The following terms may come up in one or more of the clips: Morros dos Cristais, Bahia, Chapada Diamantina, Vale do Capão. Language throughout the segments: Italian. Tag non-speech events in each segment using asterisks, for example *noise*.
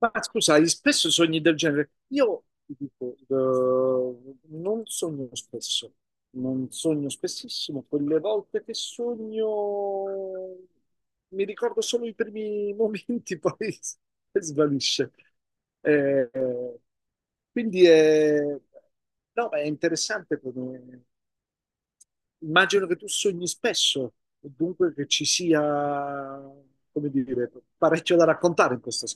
Ma scusate, spesso sogni del genere. Io ti dico, non sogno spesso, non sogno spessissimo. Quelle volte che sogno mi ricordo solo i primi momenti, *laughs* poi svanisce. Eh, quindi è, no, è interessante come... Immagino che tu sogni spesso, e dunque che ci sia, come dire, parecchio da raccontare in questo.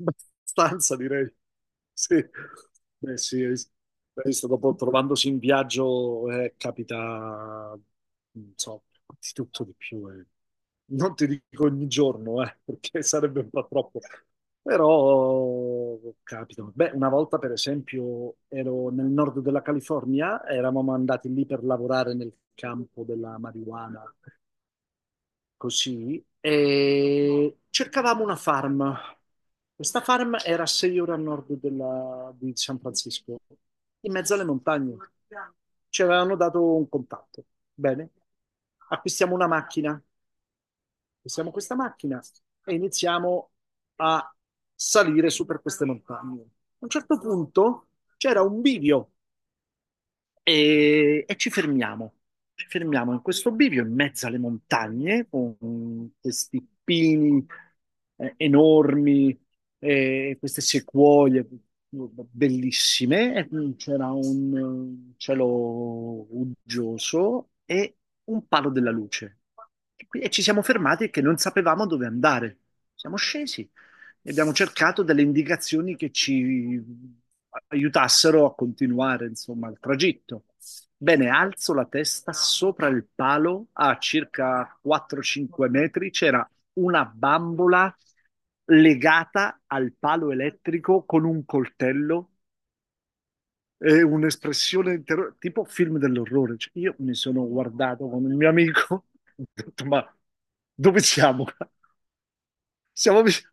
Abbastanza, direi. Sì. Beh, sì, hai visto, dopo trovandosi in viaggio capita, non so, di tutto di più. Non ti dico ogni giorno, perché *laughs* sarebbe un po' troppo. Però capita. Beh, una volta, per esempio, ero nel nord della California, eravamo andati lì per lavorare nel campo della marijuana così, e cercavamo una farm. Questa farm era a 6 ore a di San Francisco, in mezzo alle montagne. Ci avevano dato un contatto. Bene, acquistiamo una macchina, acquistiamo questa macchina e iniziamo a salire su per queste montagne. A un certo punto c'era un bivio e ci fermiamo. Ci fermiamo in questo bivio in mezzo alle montagne con questi pini enormi, queste sequoie bellissime. E, c'era un cielo uggioso e un palo della luce. E ci siamo fermati che non sapevamo dove andare. Siamo scesi e abbiamo cercato delle indicazioni che ci aiutassero a continuare, insomma, il tragitto. Bene, alzo la testa sopra il palo, a circa 4-5 metri c'era una bambola legata al palo elettrico con un coltello e un'espressione di terrore, tipo film dell'orrore. Cioè, io mi sono guardato con il mio amico, *laughs* ho detto, ma dove siamo? Siamo, vic-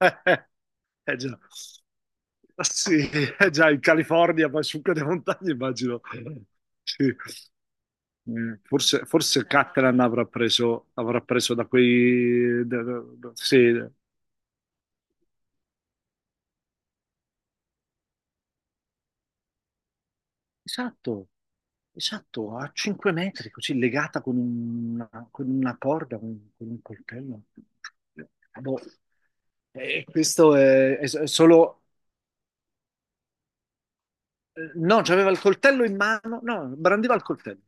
Eh eh già. Sì, eh già, in California, ma su quelle montagne immagino. Sì. Forse, forse Catalan avrà preso da quei, sì, esatto, esatto, a 5 metri, così legata con una corda, con un coltello. Eh, Boh. E questo è solo. No, c'aveva il coltello in mano, no, brandiva il coltello.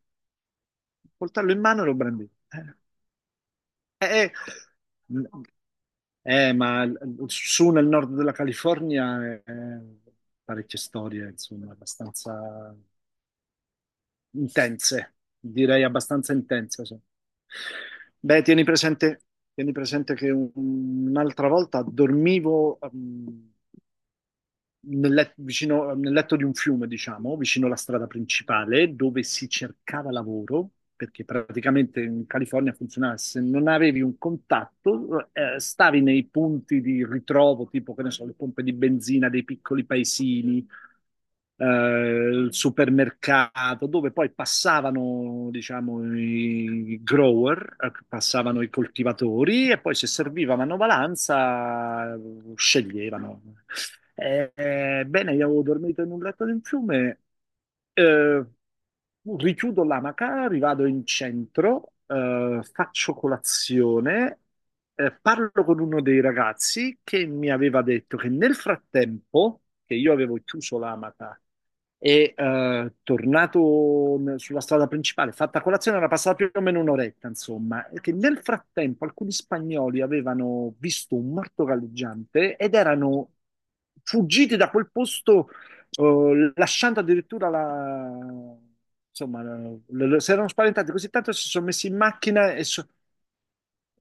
Coltello in mano e lo brandì. Eh, ma su nel nord della California parecchie storie, insomma, abbastanza intense, direi abbastanza intense. Sì. Beh, tieni presente che un'altra volta dormivo, nel letto di un fiume, diciamo, vicino alla strada principale, dove si cercava lavoro, perché praticamente in California funzionava, se non avevi un contatto, stavi nei punti di ritrovo, tipo, che ne so, le pompe di benzina dei piccoli paesini, il supermercato, dove poi passavano, diciamo, i grower, passavano i coltivatori e poi se serviva manovalanza sceglievano. Bene, io avevo dormito in un letto di un fiume. eh, Richiudo l'amaca, rivado in centro, faccio colazione, parlo con uno dei ragazzi che mi aveva detto che nel frattempo che io avevo chiuso l'amaca e tornato sulla strada principale, fatta colazione, era passata più o meno un'oretta, insomma, e che nel frattempo alcuni spagnoli avevano visto un morto galleggiante ed erano fuggiti da quel posto o lasciando addirittura la, insomma, si erano spaventati così tanto che si sono messi in macchina e,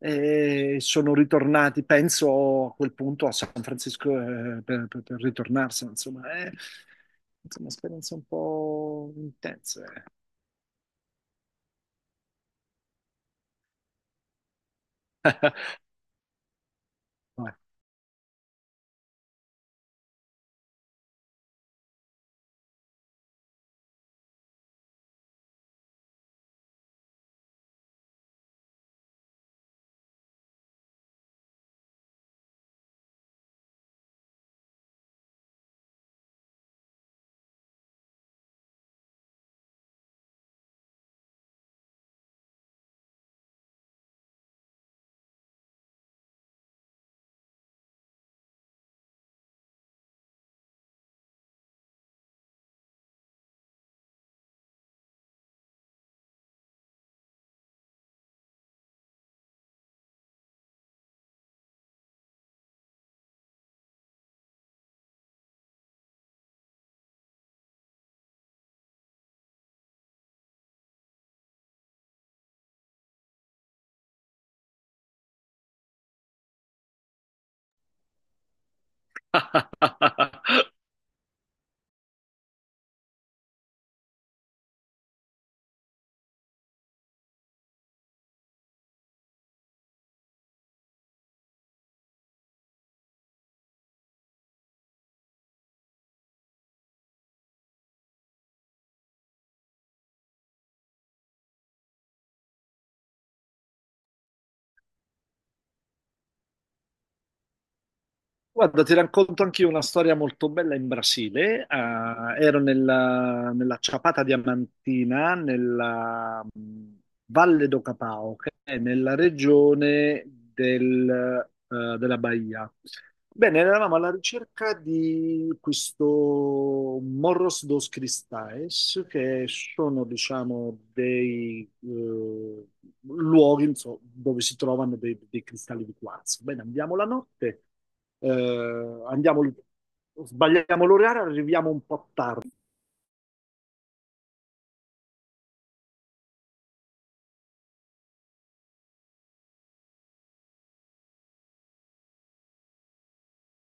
e sono ritornati, penso a quel punto a San Francisco per, per ritornarsene, insomma, è insomma, esperienze un po' intense. Eh. *laughs* Guarda, ti racconto anche io una storia molto bella in Brasile. Ah, ero nella Ciapata Diamantina, nella Valle do Capao, che è nella regione della Bahia. Bene, eravamo alla ricerca di questo Morros dos Cristais, che sono, diciamo, dei luoghi, insomma, dove si trovano dei cristalli di quarzo. Bene, andiamo la notte, andiamo, sbagliamo l'orario, arriviamo un po'